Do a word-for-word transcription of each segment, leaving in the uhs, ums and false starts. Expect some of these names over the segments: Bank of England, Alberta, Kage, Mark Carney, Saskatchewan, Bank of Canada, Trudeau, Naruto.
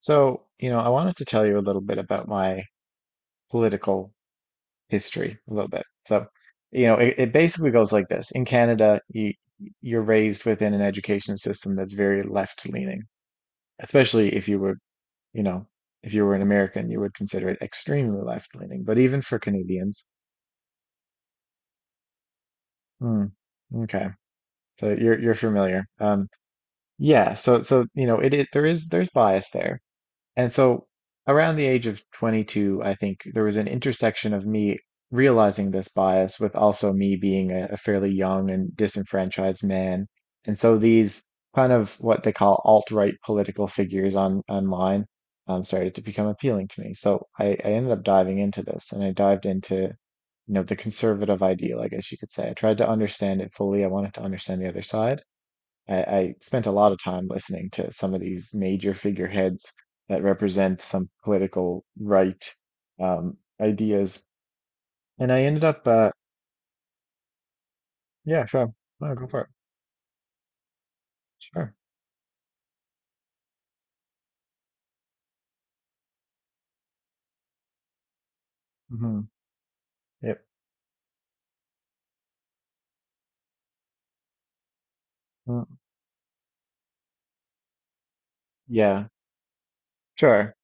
So, you know, I wanted to tell you a little bit about my political history, a little bit. So, you know, it, it basically goes like this. In Canada, you, you're raised within an education system that's very left-leaning, especially if you were, you know, if you were an American, you would consider it extremely left-leaning. But even for Canadians, hmm, okay, so you're you're familiar. Um, yeah, so so you know, it, it there is there's bias there. And so around the age of twenty-two, I think there was an intersection of me realizing this bias with also me being a, a fairly young and disenfranchised man. And so these kind of what they call alt-right political figures on online um, started to become appealing to me. So I, I ended up diving into this and I dived into, you know, the conservative ideal, I guess you could say. I tried to understand it fully. I wanted to understand the other side. I, I spent a lot of time listening to some of these major figureheads that represent some political right um, ideas, and I ended up, uh, yeah, sure, no, go for it, sure, hmm, yep, mm, yeah, sure.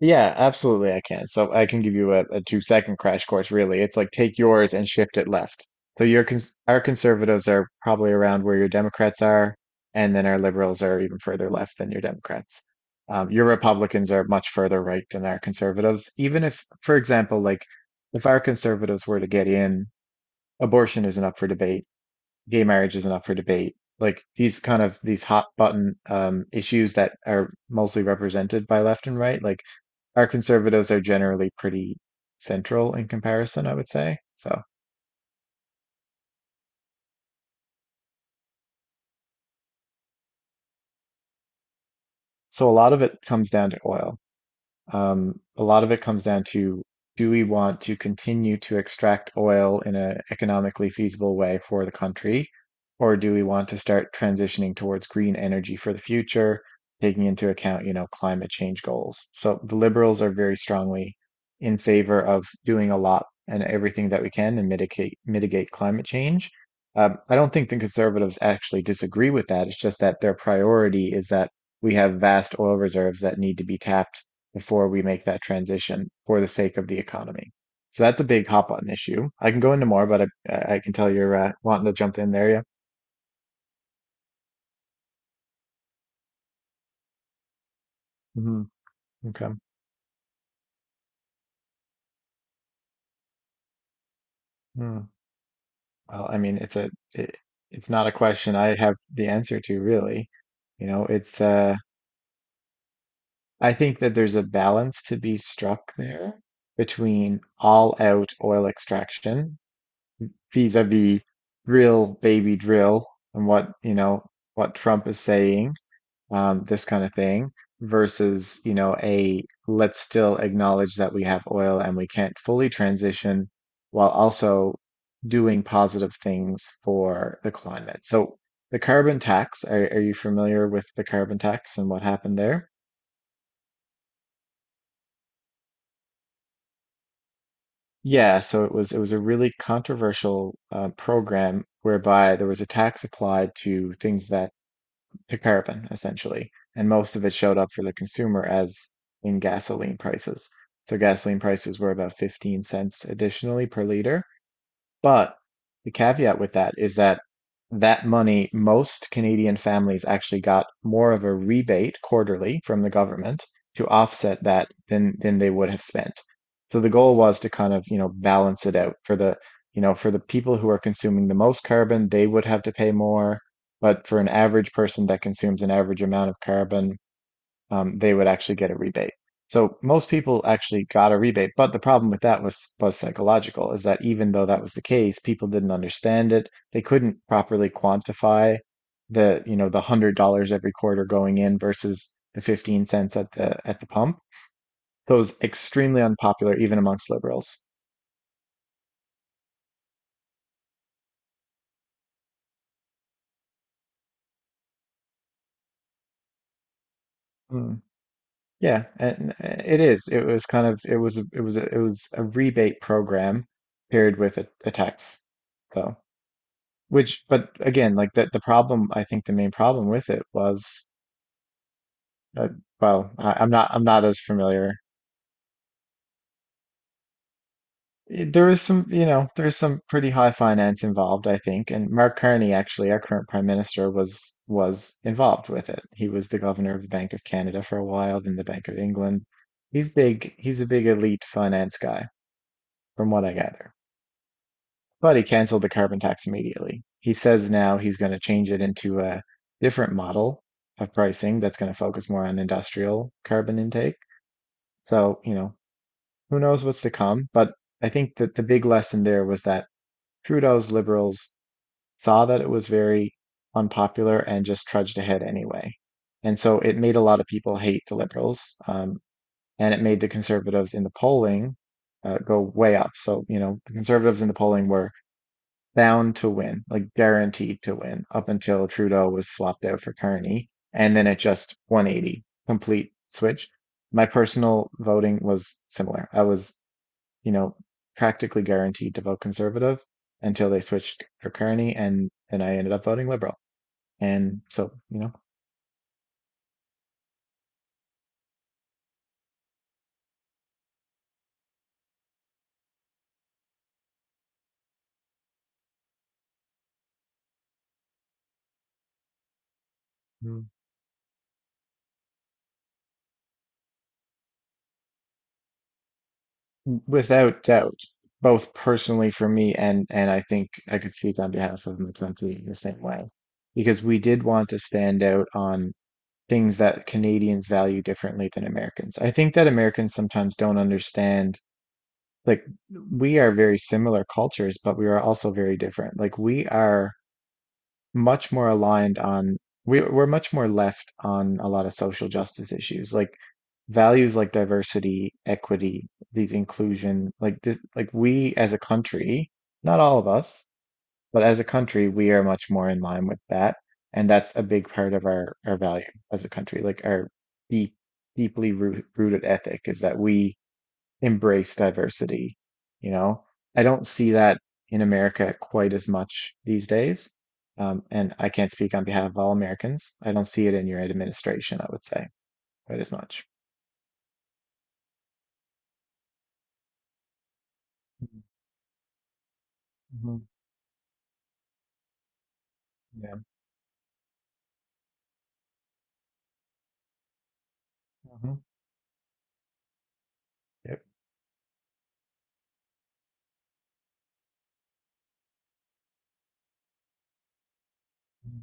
Yeah, absolutely I can. So I can give you a, a two second crash course really. It's like take yours and shift it left. So your cons our conservatives are probably around where your Democrats are, and then our liberals are even further left than your Democrats. Um, your Republicans are much further right than our conservatives. Even if, for example, like if our conservatives were to get in, abortion isn't up for debate, gay marriage isn't up for debate. Like these kind of these hot button um, issues that are mostly represented by left and right, like our conservatives are generally pretty central in comparison, I would say. So, so a lot of it comes down to oil. Um, a lot of it comes down to, do we want to continue to extract oil in an economically feasible way for the country, or do we want to start transitioning towards green energy for the future, taking into account, you know, climate change goals? So the liberals are very strongly in favor of doing a lot and everything that we can and mitigate mitigate climate change. Um, I don't think the conservatives actually disagree with that. It's just that their priority is that we have vast oil reserves that need to be tapped before we make that transition for the sake of the economy. So that's a big hop on issue. I can go into more, but I I I can tell you're uh, wanting to jump in there. Yeah, hmm, okay. Hmm. Well, I mean, it's a it, it's not a question I have the answer to really. You know, it's uh I think that there's a balance to be struck there between all out oil extraction vis-a-vis drill baby drill and what, you know, what Trump is saying, um, this kind of thing versus, you know, a, let's still acknowledge that we have oil and we can't fully transition while also doing positive things for the climate. So the carbon tax, are, are you familiar with the carbon tax and what happened there? Yeah, so it was it was a really controversial uh, program whereby there was a tax applied to things that to carbon essentially, and most of it showed up for the consumer as in gasoline prices. So gasoline prices were about fifteen cents additionally per liter. But the caveat with that is that that money, most Canadian families actually got more of a rebate quarterly from the government to offset that than than they would have spent. So the goal was to kind of, you know, balance it out for the, you know, for the people who are consuming the most carbon, they would have to pay more, but for an average person that consumes an average amount of carbon, um, they would actually get a rebate. So most people actually got a rebate, but the problem with that was was psychological, is that even though that was the case, people didn't understand it. They couldn't properly quantify the, you know, the hundred dollars every quarter going in versus the fifteen cents at the at the pump. So it was extremely unpopular even amongst liberals. Mm. Yeah, and it is. It was kind of it was it was a, it was a rebate program paired with a, a tax. So, which, but again, like the the problem, I think the main problem with it was, uh, well, I, I'm not I'm not as familiar. Eh, there is some, you know, there's some pretty high finance involved, I think. And Mark Carney, actually, our current prime minister, was was involved with it. He was the governor of the Bank of Canada for a while, then the Bank of England. He's big. He's a big elite finance guy, from what I gather. But he canceled the carbon tax immediately. He says now he's going to change it into a different model of pricing that's going to focus more on industrial carbon intake. So, you know, who knows what's to come. But I think that the big lesson there was that Trudeau's liberals saw that it was very unpopular and just trudged ahead anyway. And so it made a lot of people hate the liberals. Um, and it made the conservatives in the polling uh, go way up. So, you know, the conservatives in the polling were bound to win, like guaranteed to win, up until Trudeau was swapped out for Carney, and then it just one eighty complete switch. My personal voting was similar. I was, you know, practically guaranteed to vote conservative until they switched for Carney, and then I ended up voting liberal. And so, you know, mm, without doubt, both personally for me and and I think I could speak on behalf of my country in the same way, because we did want to stand out on things that Canadians value differently than Americans. I think that Americans sometimes don't understand, like, we are very similar cultures, but we are also very different. Like, we are much more aligned on, we, we're much more left on a lot of social justice issues, like values like diversity, equity, these inclusion, like, this, like we as a country, not all of us, but as a country, we are much more in line with that. And that's a big part of our, our value as a country, like our deep, deeply root, rooted ethic is that we embrace diversity. You know, I don't see that in America quite as much these days. Um, and I can't speak on behalf of all Americans. I don't see it in your administration, I would say, quite as much. Mm-hmm. Yeah. Mm-hmm. Yep. Mm.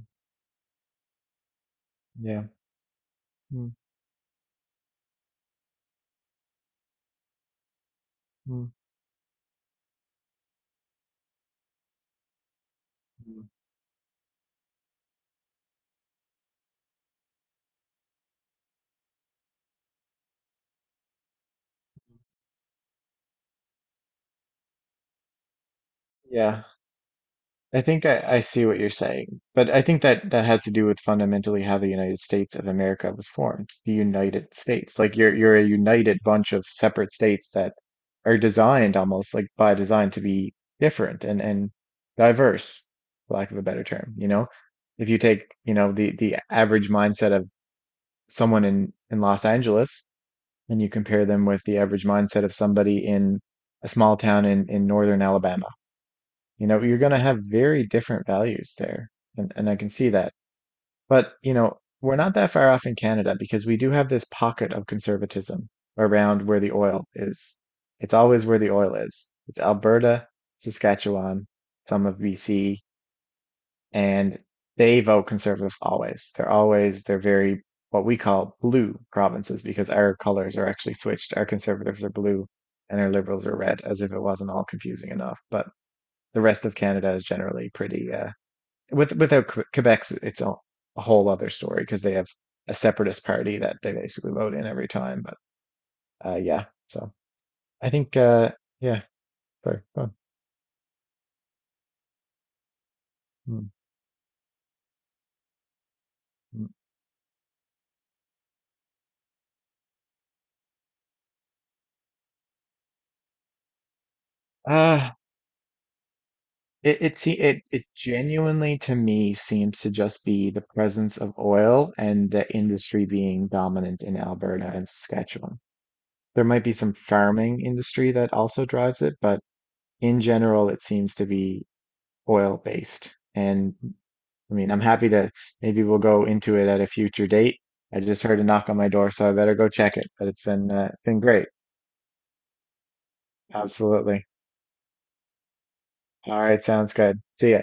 Yeah. Mm-hmm. Yeah. I think I, I see what you're saying, but I think that that has to do with fundamentally how the United States of America was formed, the United States. Like you're you're a united bunch of separate states that are designed almost like by design to be different and and diverse, for lack of a better term, you know? If you take, you know, the the average mindset of someone in in Los Angeles and you compare them with the average mindset of somebody in a small town in in northern Alabama, you know, you're going to have very different values there. And, and I can see that. But, you know, we're not that far off in Canada because we do have this pocket of conservatism around where the oil is. It's always where the oil is. It's Alberta, Saskatchewan, some of B C, and they vote conservative always. They're always, they're very what we call blue provinces because our colors are actually switched. Our conservatives are blue and our liberals are red, as if it wasn't all confusing enough. But the rest of Canada is generally pretty uh, with without Que- Quebec's it's a, a whole other story because they have a separatist party that they basically vote in every time. But uh, yeah, so I think uh, yeah, sorry, go on. Mm, mm. Uh, it it, se it it genuinely to me seems to just be the presence of oil and the industry being dominant in Alberta and Saskatchewan. There might be some farming industry that also drives it, but in general, it seems to be oil based. And I mean, I'm happy to, maybe we'll go into it at a future date. I just heard a knock on my door, so I better go check it. But it's been uh, it's been great. Absolutely. All right, sounds good. See ya.